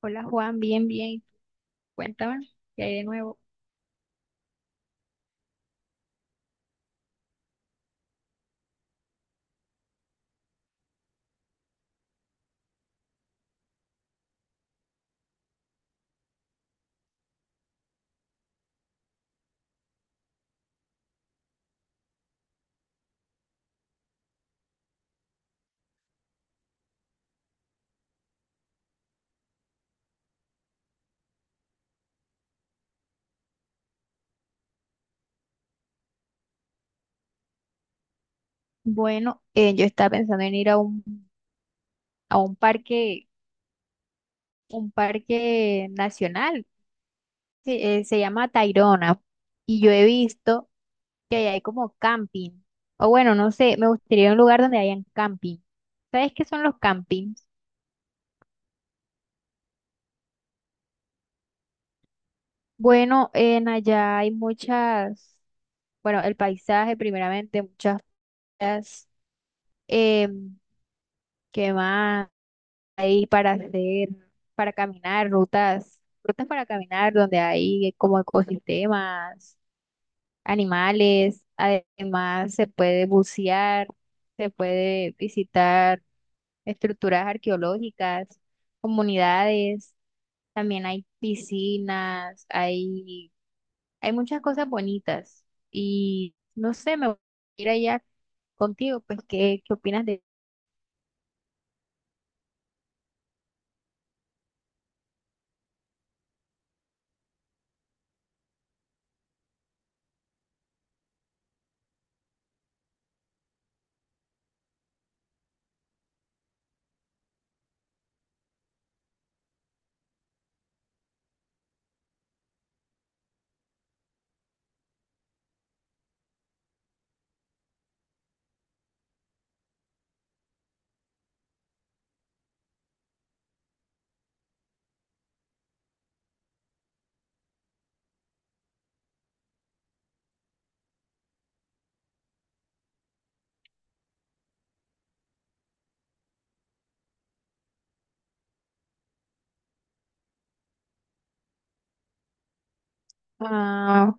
Hola Juan, bien, bien. Cuéntame, ¿qué hay de nuevo? Bueno, yo estaba pensando en ir a a un parque nacional, se llama Tayrona, y yo he visto que ahí hay como camping, o bueno, no sé, me gustaría ir a un lugar donde hayan camping. ¿Sabes qué son los campings? Bueno, en allá hay muchas, bueno, el paisaje primeramente, muchas playas, em, ¿qué más? Ahí para hacer, para caminar, rutas para caminar donde hay como ecosistemas, animales, además se puede bucear, se puede visitar estructuras arqueológicas, comunidades, también hay piscinas, hay muchas cosas bonitas y no sé, me gustaría ir allá contigo, pues, ¿qué opinas de... Ah,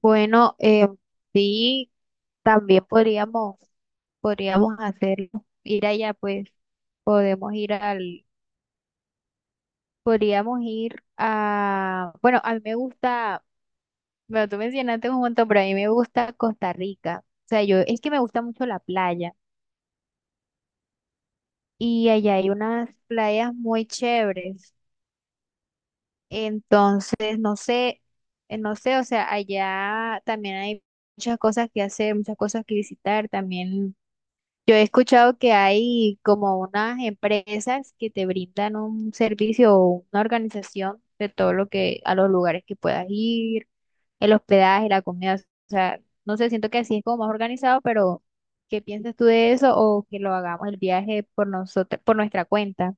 bueno, sí, también podríamos hacerlo, ir allá, pues podemos ir podríamos ir a, bueno, a mí me gusta, bueno, tú mencionaste un montón, pero a mí me gusta Costa Rica. O sea, yo, es que me gusta mucho la playa y allá hay unas playas muy chéveres. Entonces, no sé, no sé, o sea, allá también hay muchas cosas que hacer, muchas cosas que visitar, también. Yo he escuchado que hay como unas empresas que te brindan un servicio o una organización de todo lo que a los lugares que puedas ir, el hospedaje, la comida. O sea, no sé, siento que así es como más organizado, pero ¿qué piensas tú de eso o que lo hagamos el viaje por nosotros, por nuestra cuenta?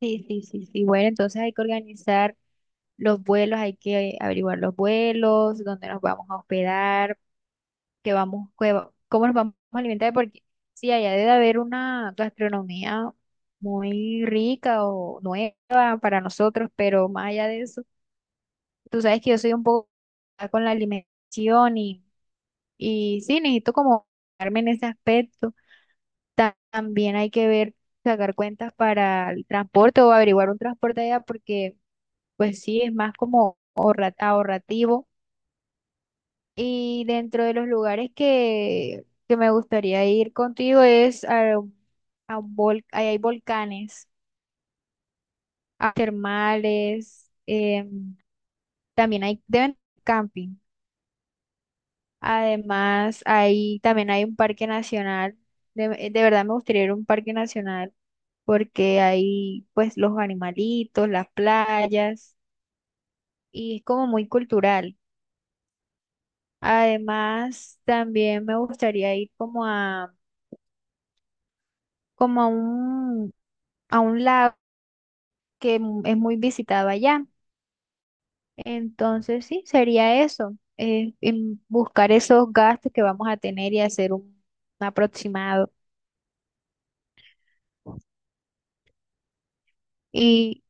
Sí, sí, sí, sí. Bueno, entonces hay que organizar los vuelos, hay que averiguar los vuelos, dónde nos vamos a hospedar que vamos, que va- cómo nos vamos a alimentar, porque sí, allá debe haber una gastronomía muy rica o nueva para nosotros, pero más allá de eso, tú sabes que yo soy un poco complicada con la alimentación y sí, necesito como darme en ese aspecto. Ta- También hay que ver, sacar cuentas para el transporte o averiguar un transporte allá, porque pues sí, es más como ahorra- ahorrativo. Y dentro de los lugares que me gustaría ir contigo es a un vol- ahí hay volcanes, a termales, también hay deben camping. Además, ahí también hay un parque nacional. De verdad me gustaría ir a un parque nacional porque hay pues los animalitos, las playas y es como muy cultural. Además, también me gustaría ir como a como a un lago que mu- es muy visitado allá. Entonces, sí, sería eso, en buscar esos gastos que vamos a tener y hacer un aproximado. Y,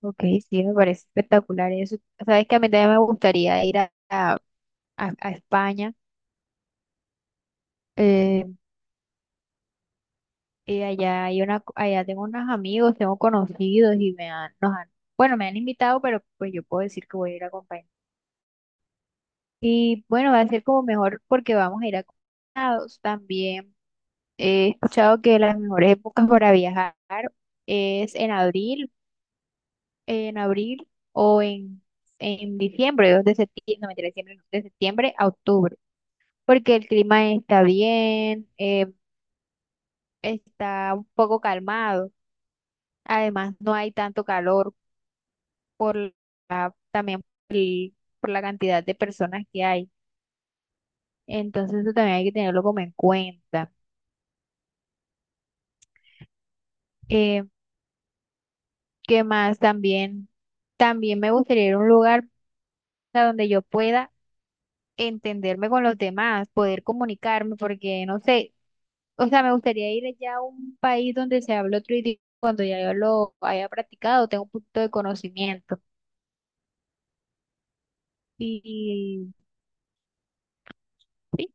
ok, sí, me parece espectacular eso. Sabes que a mí también me gustaría ir a España. eh, y allá hay una, co- allá tengo unos amigos, tengo conocidos y nos han, bueno, me han invitado, pero pues yo puedo decir que voy a ir acompañada. Y bueno, va a ser como mejor porque vamos a ir acompañados también. He escuchado que las mejores épocas para viajar es en abril, en abril o en diciembre, 2 de septiembre, no, mentira, diciembre no, de septiembre a octubre, porque el clima está bien, está un poco calmado, además no hay tanto calor por también por, el- por la cantidad de personas que hay, entonces eso también hay que tenerlo como en cuenta. Eh, ¿Qué más? También me gustaría ir a un lugar a donde yo pueda entenderme con los demás, poder comunicarme, porque no sé, o sea, me gustaría ir allá a un país donde se hable otro idioma cuando ya yo lo haya practicado, tengo un punto de conocimiento. Y sí,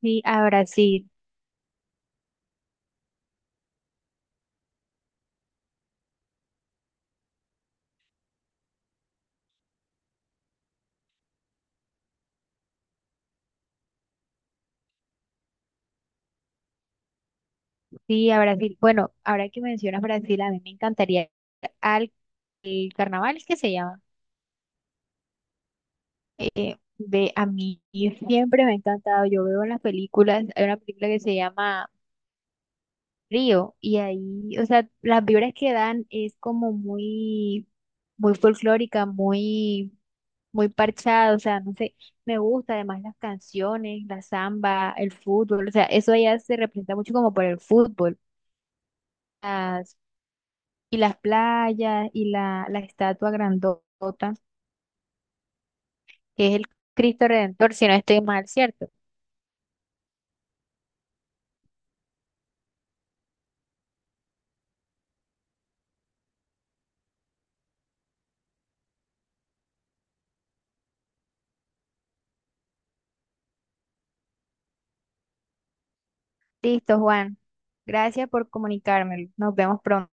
sí, a Brasil, sí, a Brasil. Bueno, ahora que mencionas Brasil, a mí me encantaría ir al el carnaval, ¿es que se llama? Ve, a mí siempre me ha encantado, yo veo en las películas, hay una película que se llama Río y ahí, o sea, las vibras que dan es como muy, muy folclórica, muy, muy parchada, o sea, no sé, me gusta además las canciones, la samba, el fútbol, o sea, eso allá se representa mucho como por el fútbol, las, y las playas y la estatua grandota, que es el Cristo Redentor, si no estoy mal, ¿cierto? Listo, Juan, gracias por comunicármelo, nos vemos pronto.